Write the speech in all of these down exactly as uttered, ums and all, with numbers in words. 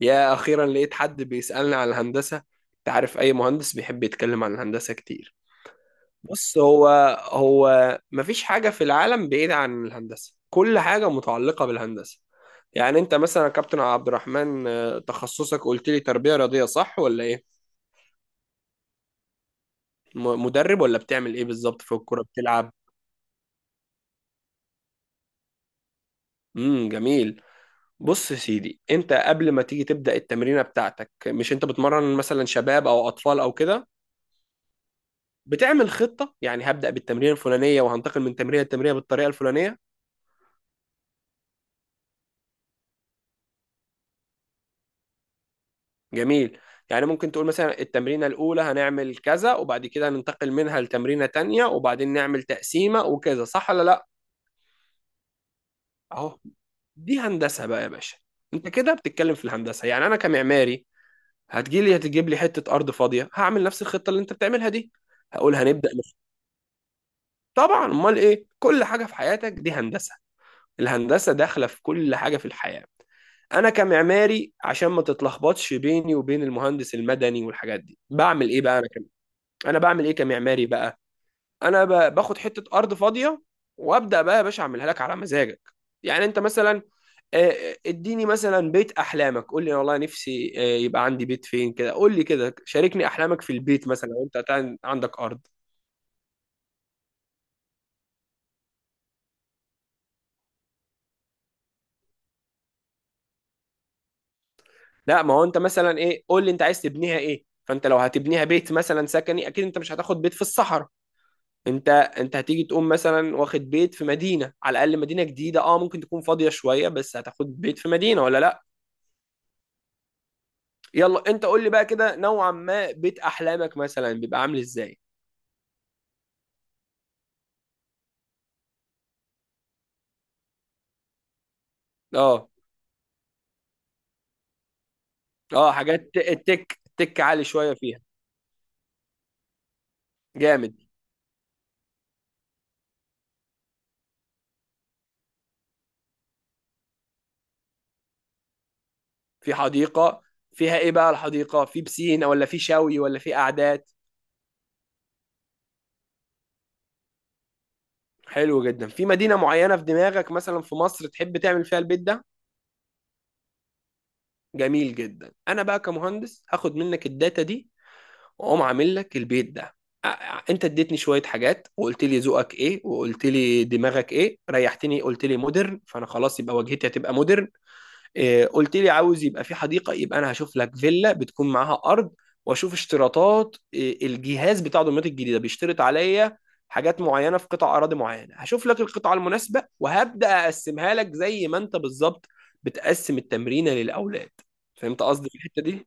يا أخيرا لقيت حد بيسألني عن الهندسة. أنت عارف أي مهندس بيحب يتكلم عن الهندسة كتير. بص هو هو مفيش حاجة في العالم بعيدة عن الهندسة، كل حاجة متعلقة بالهندسة. يعني أنت مثلا يا كابتن عبد الرحمن، آه، تخصصك قلت لي تربية رياضية، صح ولا إيه؟ م- مدرب ولا بتعمل إيه بالظبط في الكورة، بتلعب؟ امم جميل. بص يا سيدي، انت قبل ما تيجي تبدأ التمرينة بتاعتك، مش انت بتمرن مثلا شباب او اطفال او كده، بتعمل خطة؟ يعني هبدأ بالتمرين الفلانية وهنتقل من تمرين التمرية بالطريقة الفلانية. جميل. يعني ممكن تقول مثلا التمرينة الأولى هنعمل كذا وبعد كده ننتقل منها لتمرينة تانية وبعدين نعمل تقسيمة وكذا، صح ولا لا؟ أهو، دي هندسة بقى يا باشا. أنت كده بتتكلم في الهندسة، يعني أنا كمعماري هتجيلي، هتجيب لي حتة أرض فاضية، هعمل نفس الخطة اللي أنت بتعملها دي. هقول هنبدأ من- طبعا، أمال إيه؟ كل حاجة في حياتك دي هندسة، الهندسة داخلة في كل حاجة في الحياة. انا كمعماري، عشان ما تتلخبطش بيني وبين المهندس المدني والحاجات دي، بعمل ايه بقى انا كم... انا بعمل ايه كمعماري بقى؟ انا ب... باخد حته ارض فاضيه وابدا بقى يا باشا اعملها لك على مزاجك. يعني انت مثلا، آه، آه، اديني مثلا بيت احلامك، قول لي والله نفسي، آه، يبقى عندي بيت فين كده، قول لي كده، شاركني احلامك في البيت مثلا وانت عندك ارض. لا، ما هو انت مثلا ايه؟ قول لي انت عايز تبنيها ايه. فانت لو هتبنيها بيت مثلا سكني، اكيد انت مش هتاخد بيت في الصحراء. انت انت هتيجي تقوم مثلا واخد بيت في مدينه، على الاقل مدينه جديده، اه، ممكن تكون فاضيه شويه، بس هتاخد بيت في مدينه ولا لا. يلا انت قول لي بقى كده نوعا ما بيت احلامك مثلا بيبقى عامل ازاي. اه اه، حاجات التك، التك عالي شويه فيها. جامد. في حديقه، فيها ايه بقى الحديقه؟ في بسين ولا في شوي ولا في قعدات؟ حلو جدا. في مدينة معينة في دماغك مثلا في مصر تحب تعمل فيها البيت ده؟ جميل جدا. انا بقى كمهندس هاخد منك الداتا دي واقوم عامل لك البيت ده. أ- أ- انت اديتني شوية حاجات وقلت لي ذوقك ايه وقلت لي دماغك ايه، ريحتني. قلت لي مودرن، فانا خلاص يبقى واجهتي هتبقى مودرن. إيه، قلت لي عاوز يبقى في حديقة، يبقى أنا هشوف لك فيلا بتكون معاها أرض، وأشوف اشتراطات إيه، الجهاز بتاع دمياط الجديدة بيشترط عليا حاجات معينة في قطع أراضي معينة، هشوف لك القطعة المناسبة وهبدأ أقسمها لك زي ما أنت بالظبط بتقسم التمرينة للأولاد. فهمت قصدي في الحتة دي؟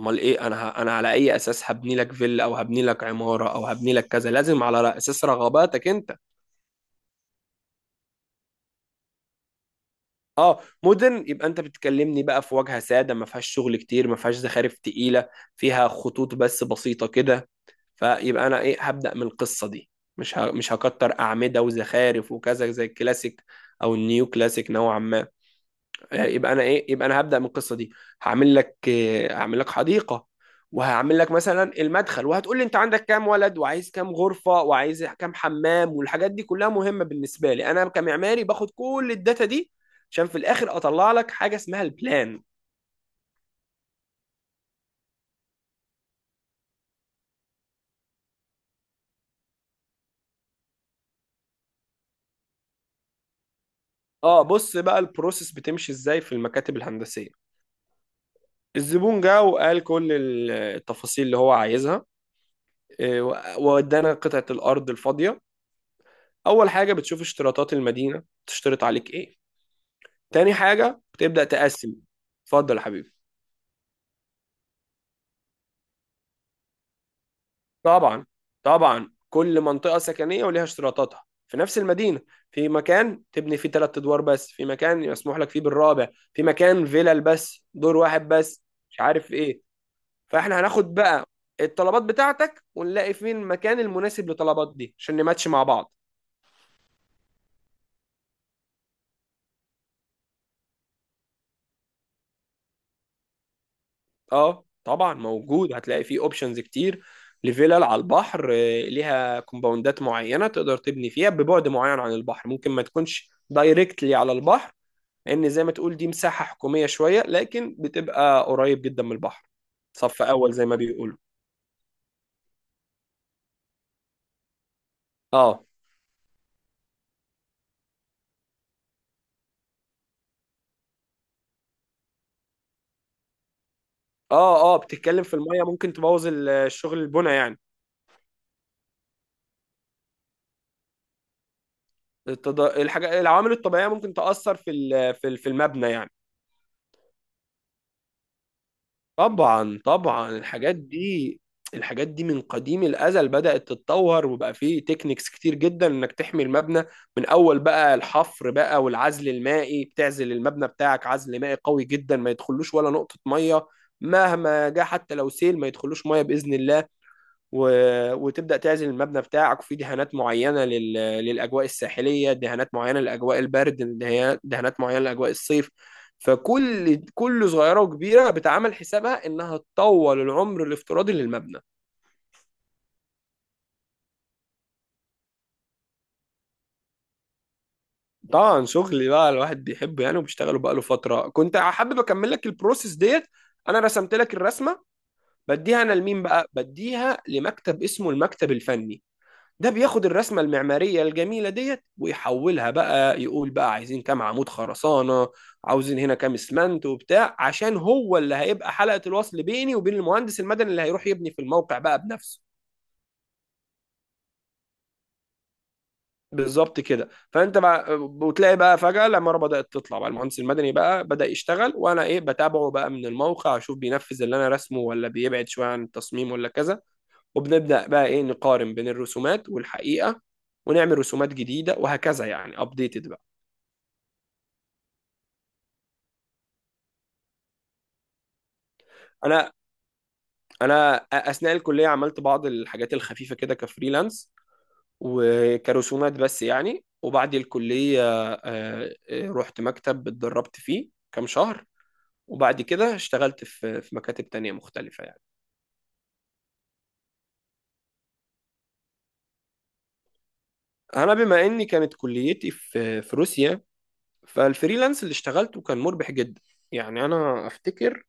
امال ايه. انا ه- انا على اي اساس هبني لك فيلا او هبني لك عماره او هبني لك كذا؟ لازم على اساس رغباتك انت. اه مدن، يبقى انت بتكلمني بقى في واجهة سادة ما فيهاش شغل كتير، ما فيهاش زخارف تقيلة، فيها خطوط بس بسيطة كده. فيبقى انا ايه؟ هبدأ من القصة دي. مش ه... مش هكتر أعمدة وزخارف وكذا زي الكلاسيك او النيو كلاسيك نوعا ما. آه، يبقى انا ايه؟ يبقى انا هبدا من القصه دي. هعمل لك، آه، هعمل لك حديقه، وهعمل لك مثلا المدخل، وهتقول لي انت عندك كام ولد وعايز كام غرفه وعايز كام حمام، والحاجات دي كلها مهمه بالنسبه لي. انا كمعماري باخد كل الداتا دي عشان في الاخر اطلع لك حاجه اسمها البلان. اه، بص بقى البروسيس بتمشي ازاي في المكاتب الهندسيه. الزبون جه وقال كل التفاصيل اللي هو عايزها، آه، وادانا قطعه الارض الفاضيه. اول حاجه بتشوف اشتراطات المدينه تشترط عليك ايه. تاني حاجة بتبدأ تقسم. اتفضل يا حبيبي. طبعا، طبعا كل منطقة سكنية وليها اشتراطاتها في نفس المدينة. في مكان تبني فيه ثلاث أدوار بس، في مكان يسمح لك فيه بالرابع، في مكان فيلل بس دور واحد بس، مش عارف إيه. فإحنا هناخد بقى الطلبات بتاعتك ونلاقي فين المكان المناسب للطلبات دي عشان نماتش مع بعض. اه طبعا موجود، هتلاقي فيه اوبشنز كتير لفيلل على البحر. آه، ليها كومباوندات معينه تقدر تبني فيها ببعد معين عن البحر، ممكن ما تكونش دايركتلي على البحر لان زي ما تقول دي مساحه حكوميه شويه، لكن بتبقى قريب جدا من البحر. صف اول زي ما بيقولوا. اه اه، اه بتتكلم في الميه، ممكن تبوظ ال- الشغل البنى يعني. التض- الحاجه، العوامل الطبيعيه ممكن تاثر في ال- في ال- في المبنى يعني. طبعا طبعا الحاجات دي، الحاجات دي من قديم الازل بدات تتطور وبقى فيه تكنيكس كتير جدا انك تحمي المبنى. من اول بقى الحفر بقى، والعزل المائي بتعزل المبنى بتاعك عزل مائي قوي جدا ما يدخلوش ولا نقطه ميه مهما جه، حتى لو سيل ما يدخلوش ميه باذن الله. و... وتبدأ تعزل المبنى بتاعك، وفي دهانات معينة لل... للأجواء الساحلية، دهانات معينة لأجواء البرد، دهيا- دهانات معينة لأجواء الصيف. فكل كل صغيرة وكبيرة بتعمل حسابها إنها تطول العمر الافتراضي للمبنى. طبعا شغلي بقى الواحد بيحبه يعني وبيشتغله بقاله فترة. كنت حابب أكمل لك البروسيس ديت. أنا رسمت لك الرسمة، بديها أنا لمين بقى؟ بديها لمكتب اسمه المكتب الفني. ده بياخد الرسمة المعمارية الجميلة ديت ويحولها بقى، يقول بقى عايزين كام عمود خرسانة، عاوزين هنا كام اسمنت وبتاع، عشان هو اللي هيبقى حلقة الوصل بيني وبين المهندس المدني اللي هيروح يبني في الموقع بقى بنفسه. بالظبط كده. فانت بقى وتلاقي بقى فجأة العمارة بدأت تطلع بقى، المهندس المدني بقى بدأ يشتغل، وانا ايه؟ بتابعه بقى من الموقع، اشوف بينفذ اللي انا رسمه ولا بيبعد شوية عن التصميم ولا كذا. وبنبدأ بقى ايه، نقارن بين الرسومات والحقيقة، ونعمل رسومات جديدة، وهكذا يعني ابديتد. انا انا اثناء الكليه عملت بعض الحاجات الخفيفه كده كفريلانس وكرسومات بس يعني. وبعد الكليه، آه، آه، رحت مكتب اتدربت فيه كام شهر، وبعد كده اشتغلت في في مكاتب تانية مختلفة يعني. أنا بما إني كانت كليتي في في روسيا، فالفريلانس اللي اشتغلته كان مربح جدا. يعني أنا أفتكر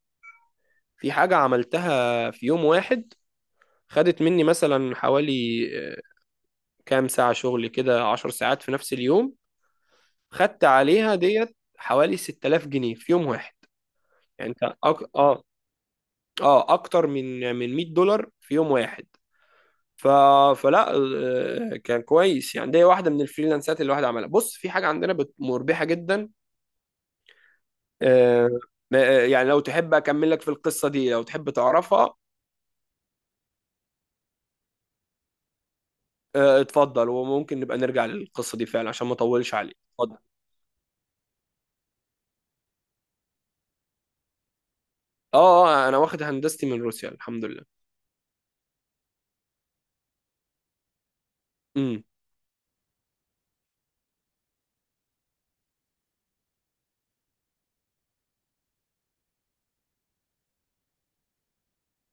في حاجة عملتها في يوم واحد، خدت مني مثلا حوالي، آه، كام ساعة شغل كده، عشر ساعات في نفس اليوم، خدت عليها ديت حوالي ستة آلاف جنيه في يوم واحد. يعني انت أك... اه اه، اكتر من من مائة دولار في يوم واحد. ف... فلا، آه، كان كويس يعني. دي واحده من الفريلانسات اللي الواحد عملها. بص، في حاجه عندنا بت... مربحه جدا، آه، آه، يعني لو تحب اكمل لك في القصه دي لو تحب تعرفها. آه، اتفضل، وممكن نبقى نرجع للقصه دي فعلا عشان ما اطولش عليك. اتفضل. اه، آه، انا واخد هندستي من روسيا الحمد لله. امم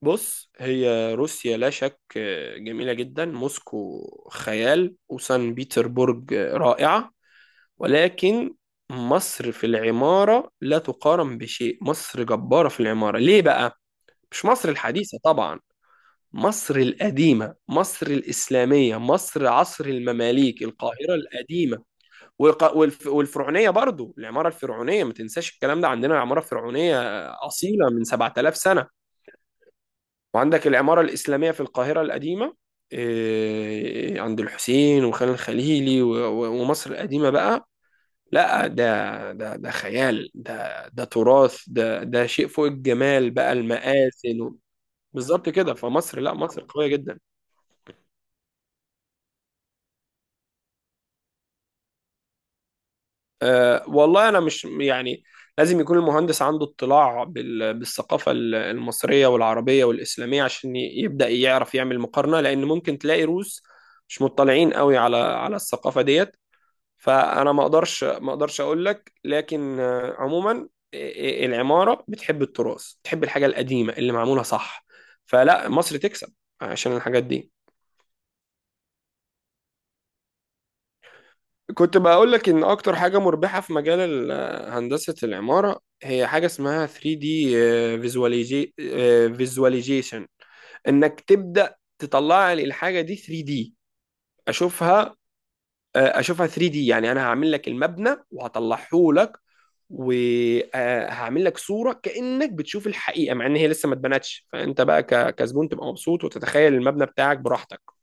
بص، هي روسيا لا شك آه، جميلة جدا. موسكو خيال، وسان بيتربورج آه، رائعة. ولكن مصر في العمارة لا تقارن بشيء. مصر جبارة في العمارة. ليه بقى؟ مش مصر الحديثة طبعا، مصر القديمة، مصر الإسلامية، مصر عصر المماليك، القاهرة القديمة. والق- والف- والفرعونية برضو، العمارة الفرعونية ما تنساش الكلام ده، عندنا عمارة فرعونية أصيلة من سبعة آلاف سنة سنة. وعندك العمارة الإسلامية في القاهرة القديمة، إيه، عند الحسين وخان الخليلي و- و- ومصر القديمة بقى. لا ده ده ده خيال، ده ده تراث، ده ده شيء فوق الجمال بقى، المآسي و- بالظبط كده. فمصر لا، مصر قوية جدا. أه والله أنا مش يعني، لازم يكون المهندس عنده اطلاع بال- بالثقافة ال- المصرية والعربية والإسلامية عشان ي- يبدأ يعرف يعمل مقارنة. لأن ممكن تلاقي روس مش مطلعين قوي على على الثقافة ديت. فانا ما اقدرش ما اقدرش اقول لك. لكن آه، عموما آه، العماره بتحب التراث، بتحب الحاجه القديمه اللي معموله صح. فلا، مصر تكسب عشان الحاجات دي. كنت بقول لك ان اكتر حاجه مربحه في مجال ال- آه، هندسه العماره، هي حاجه اسمها ثري دي فيزواليزيشن. انك تبدا تطلع لي الحاجه دي ثري دي اشوفها، آه، اشوفها ثري دي. يعني انا هعمل لك المبنى وهطلعه لك، وهعمل لك صوره كانك بتشوف الحقيقه مع ان هي لسه ما اتبنتش، فانت بقى ك- كزبون تبقى مبسوط وتتخيل المبنى بتاعك براحتك.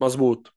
مظبوط.